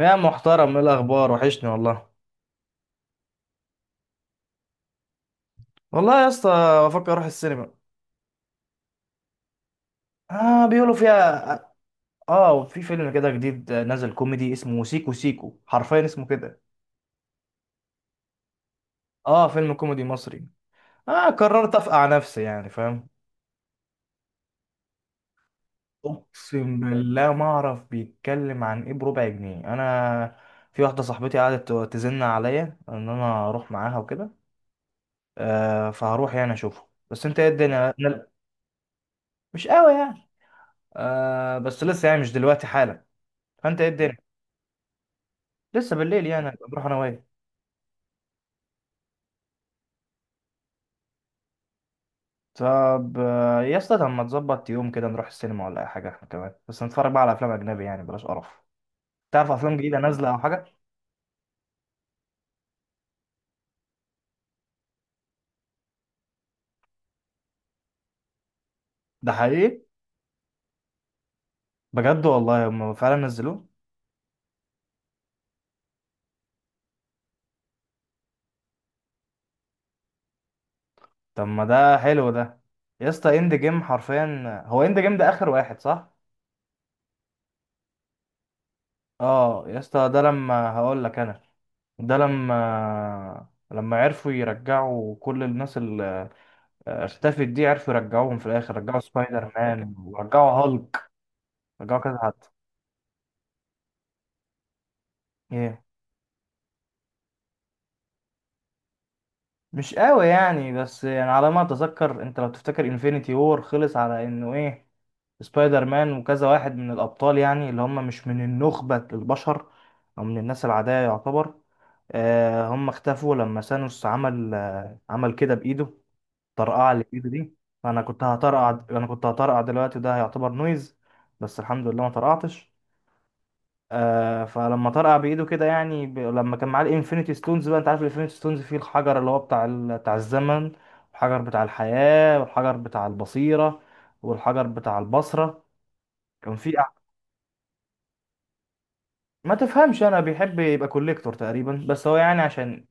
يا محترم، ايه الاخبار؟ وحشني والله. والله يا اسطى، بفكر اروح السينما. اه، بيقولوا فيها. اه، في فيلم كده جديد نازل كوميدي اسمه سيكو سيكو، حرفيا اسمه كده. اه، فيلم كوميدي مصري. اه، قررت افقع نفسي يعني، فاهم. اقسم بالله ما اعرف بيتكلم عن ايه بربع جنيه انا. في واحده صاحبتي قعدت تزن عليا ان انا اروح معاها وكده. فهروح يعني اشوفه، بس انت ايه الدنيا؟ مش قوي يعني. آه، بس لسه يعني مش دلوقتي حالا. فانت ايه الدنيا؟ لسه بالليل يعني، هبقى بروح انا وهي. طب يا اسطى، طب ما تظبط يوم كده نروح السينما ولا اي حاجه، احنا كمان بس نتفرج بقى على افلام اجنبي يعني، بلاش قرف. تعرف افلام جديده نازله او حاجه؟ ده حقيقي؟ بجد والله هم فعلا نزلوه. طب ما ده حلو ده. يا اسطى، اند جيم حرفيا؟ هو اند جيم ده اخر واحد صح؟ اه، يا اسطى ده لما هقول لك انا. ده لما عرفوا يرجعوا كل الناس اللي اختفت دي، عرفوا يرجعوهم في الاخر، رجعوا سبايدر مان ورجعوا هالك. رجعوا كذا حد. ايه، مش قوي يعني، بس يعني على ما اتذكر، انت لو تفتكر انفينيتي وور خلص على انه ايه، سبايدر مان وكذا واحد من الابطال يعني، اللي هم مش من النخبة البشر او من الناس العادية يعتبر. آه، هم اختفوا لما ثانوس عمل كده بايده. طرقعة اللي بايده دي. فانا كنت هطرقع انا كنت هطرقع دلوقتي، ده هيعتبر نويز. بس الحمد لله ما طرقعتش. فلما طرقع بايده كده، يعني لما كان معاه الانفينيتي ستونز، بقى انت عارف الانفينيتي ستونز فيه الحجر اللي هو بتاع الزمن، والحجر بتاع الحياة، والحجر بتاع البصيرة، والحجر بتاع البصرة. كان فيه ما تفهمش، انا بيحب يبقى كوليكتور تقريبا، بس هو يعني عشان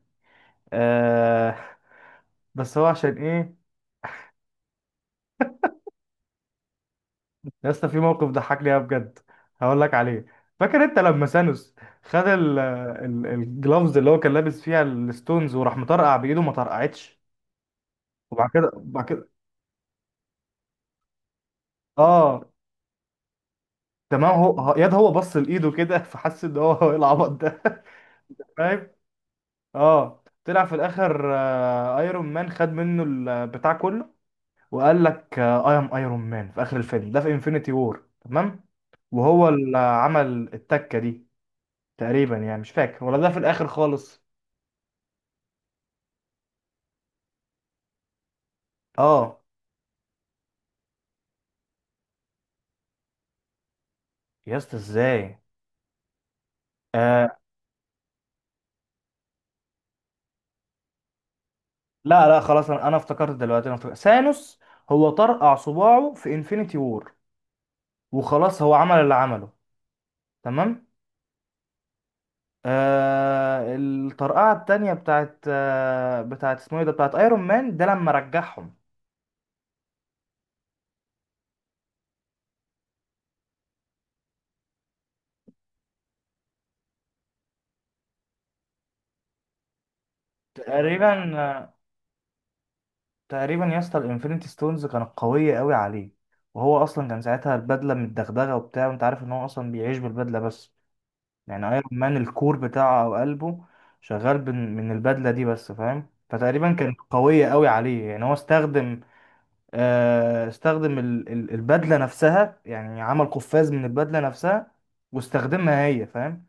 آه بس هو عشان ايه؟ يا اسطى، في موقف ضحكني أوي بجد، هقول لك عليه. فاكر انت لما سانوس خد الجلافز اللي هو كان لابس فيها الستونز، وراح مطرقع بايده ما طرقعتش. وبعد بعد كده اه، تمام. ياد هو بص لايده كده فحس ان هو هو ايه العبط ده فاهم. اه، طلع في الاخر ايرون مان خد منه البتاع كله. وقال لك اي ام ايرون مان في اخر الفيلم ده في انفينيتي وور، تمام. وهو اللي عمل التكه دي، تقريبا يعني، مش فاكر ولا ده في الاخر خالص. اه. يا اسطى، ازاي؟ آه، لا لا، خلاص، انا افتكرت دلوقتي، انا افتكرت ثانوس هو طرقع صباعه في انفينيتي وور، وخلاص هو عمل اللي عمله، تمام. آه، الطرقعة التانية بتاعت اسمه ايه ده بتاعت ايرون مان ده لما رجعهم. تقريبا. آه، تقريبا يا اسطى، الانفينيتي ستونز كانت قوية قوي عليه، وهو اصلا كان ساعتها البدلة متدغدغة وبتاع، وانت عارف ان هو اصلا بيعيش بالبدلة بس، يعني ايرون مان الكور بتاعه او قلبه شغال من البدلة دي بس، فاهم. فتقريبا كانت قوية قوي عليه، يعني هو استخدم البدله نفسها، يعني عمل قفاز من البدله نفسها، واستخدمها هي، فاهم.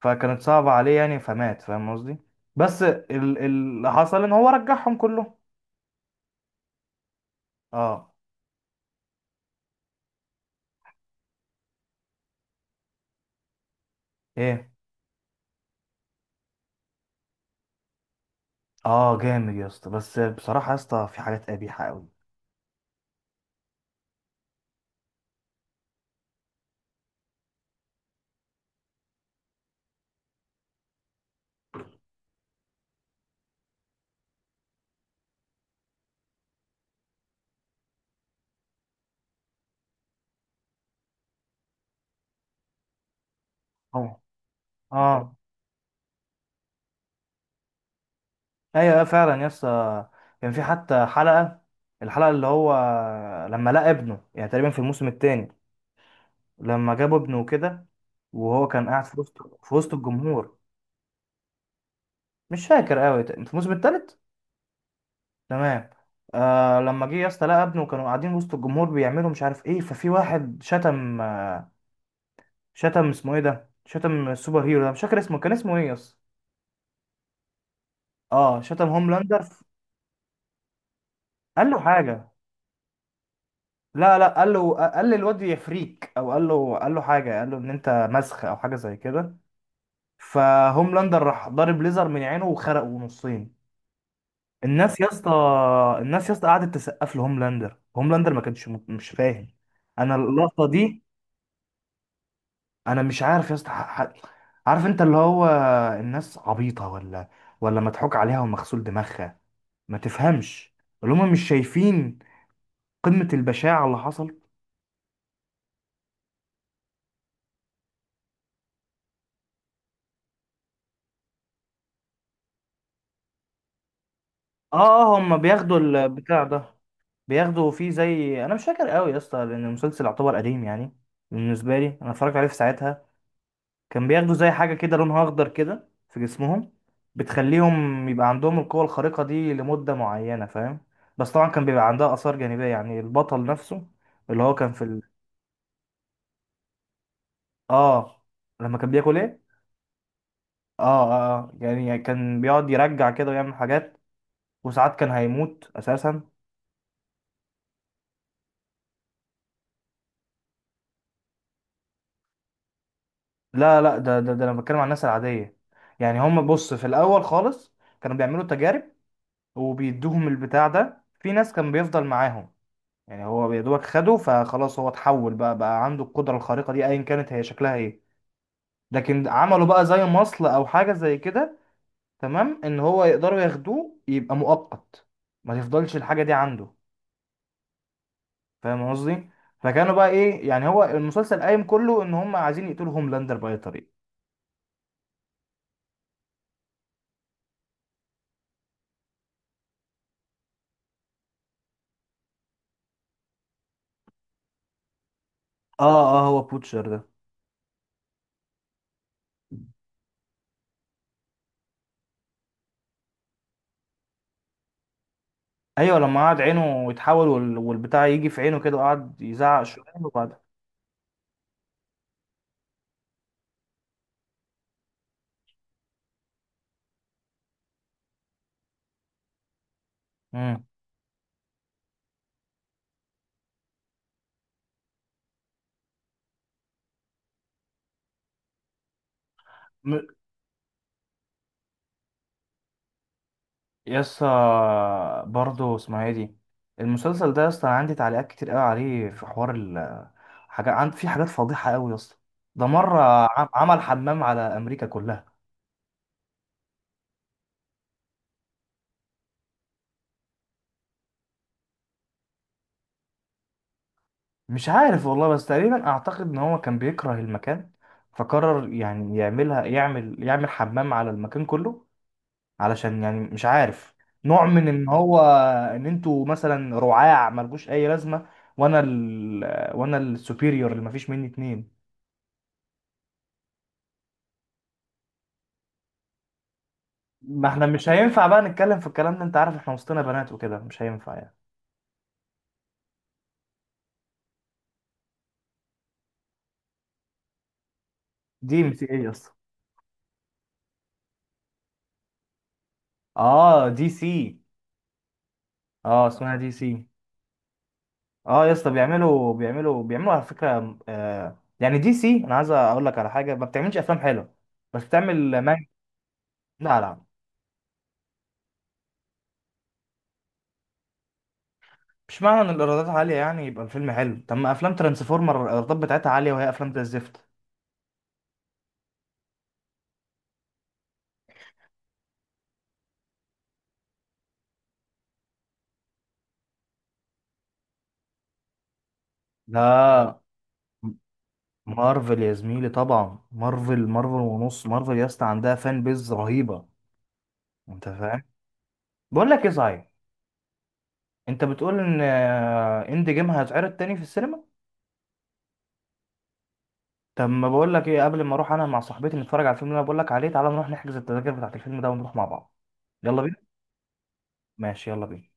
فكانت صعبه عليه يعني فمات، فاهم قصدي. بس اللي حصل ان هو رجعهم كلهم. اه. ايه. اه، جامد يا اسطى، بس بصراحه يا اسطى في حاجات قبيحه قوي. اه، اه، ايوه، آه، فعلا يا اسطى. كان في حتى حلقه، الحلقه اللي هو لما لقى ابنه يعني، تقريبا في الموسم الثاني، لما جابوا ابنه كده، وهو كان قاعد في وسط الجمهور. مش فاكر قوي، انت الموسم التالت؟ تمام. آه، لما جه يا اسطى لقى ابنه، كانوا قاعدين وسط الجمهور بيعملوا مش عارف ايه، ففي واحد شتم، اسمه ايه ده، شتم السوبر هيرو ده، مش فاكر اسمه، كان اسمه ايه يا اسطى؟ اه، شتم هوملاندر قال له حاجه. لا لا، قال للواد يا فريك، او قال له حاجه، قال له ان انت مسخ او حاجه زي كده. فهوملاندر راح ضارب ليزر من عينه وخرقه نصين. الناس يا اسطى الناس يا اسطى قعدت تسقف لهوملاندر، هوملاندر ما كانش مش فاهم. انا اللقطه دي. انا مش عارف يا اسطى، عارف انت اللي هو، الناس عبيطه ولا مضحوك عليها ومغسول دماغها، ما تفهمش، اللي هم مش شايفين قمه البشاعه اللي حصل. اه، هم بياخدوا البتاع ده، بياخدوا فيه زي، انا مش فاكر قوي يا اسطى لان المسلسل يعتبر قديم يعني، بالنسبه لي انا اتفرجت عليه في ساعتها. كان بياخدوا زي حاجة كده لونها أخضر كده في جسمهم، بتخليهم يبقى عندهم القوة الخارقة دي لمدة معينة، فاهم. بس طبعا كان بيبقى عندها آثار جانبية، يعني البطل نفسه اللي هو كان في آه، لما كان بياكل إيه؟ آه، آه، آه. يعني كان بيقعد يرجع كده ويعمل حاجات، وساعات كان هيموت أساسا. لا لا، ده أنا بتكلم عن الناس العادية، يعني هم، بص، في الأول خالص كانوا بيعملوا تجارب، وبيدوهم البتاع ده، في ناس كان بيفضل معاهم، يعني هو يا دوبك خده فخلاص هو اتحول، بقى عنده القدرة الخارقة دي ايا كانت هي شكلها ايه. لكن عملوا بقى زي مصل او حاجة زي كده، تمام، ان هو يقدروا ياخدوه يبقى مؤقت، ما تفضلش الحاجة دي عنده، فاهم قصدي. فكانوا بقى ايه، يعني هو المسلسل قايم كله ان هم عايزين يقتلوا هوملاندر بأي طريقة. اه، اه، هو بوتشر ده. ايوه، لما قعد عينه يتحول والبتاع يجي في عينه كده، وقعد يزعق شوية، وبعد. مم. يسا، برضه اسمها ايه دي؟ المسلسل ده يسا عندي تعليقات كتير قوي عليه في حوار ال حاجة، عند في حاجات فضيحة قوي يسا. ده مرة عمل حمام على أمريكا كلها. مش عارف والله، بس تقريبا أعتقد إن هو كان بيكره المكان، فقرر يعني يعملها، يعمل حمام على المكان كله، علشان يعني مش عارف، نوع من إن هو، إن أنتوا مثلا رعاع ملجوش أي لازمة، وأنا السوبيريور اللي مفيش مني اتنين. ما احنا مش هينفع بقى نتكلم في الكلام ده، انت عارف احنا وسطنا بنات وكده، مش هينفع يعني. دي ام سي ايه يا اسطى؟ اه، دي سي. اه، اسمها دي سي. اه يا اسطى، بيعملوا على فكره، يعني دي سي، انا عايز اقول لك على حاجه، ما بتعملش افلام حلوه، بس بتعمل مانجا. لا لا، مش معنى ان الايرادات عاليه يعني يبقى الفيلم حلو، طب ما افلام ترانسفورمر الايرادات بتاعتها عاليه وهي افلام زي الزفت. لا، مارفل يا زميلي، طبعا مارفل، مارفل ونص مارفل يا اسطى، عندها فان بيز رهيبه، انت فاهم. بقول لك ايه صحيح، انت بتقول ان اند جيم هيتعرض تاني في السينما؟ طب ما بقول لك ايه، قبل ما اروح انا مع صاحبتي نتفرج على الفيلم اللي انا بقول لك عليه، تعالى نروح نحجز التذاكر بتاعت الفيلم ده ونروح مع بعض. يلا بينا. ماشي، يلا بينا.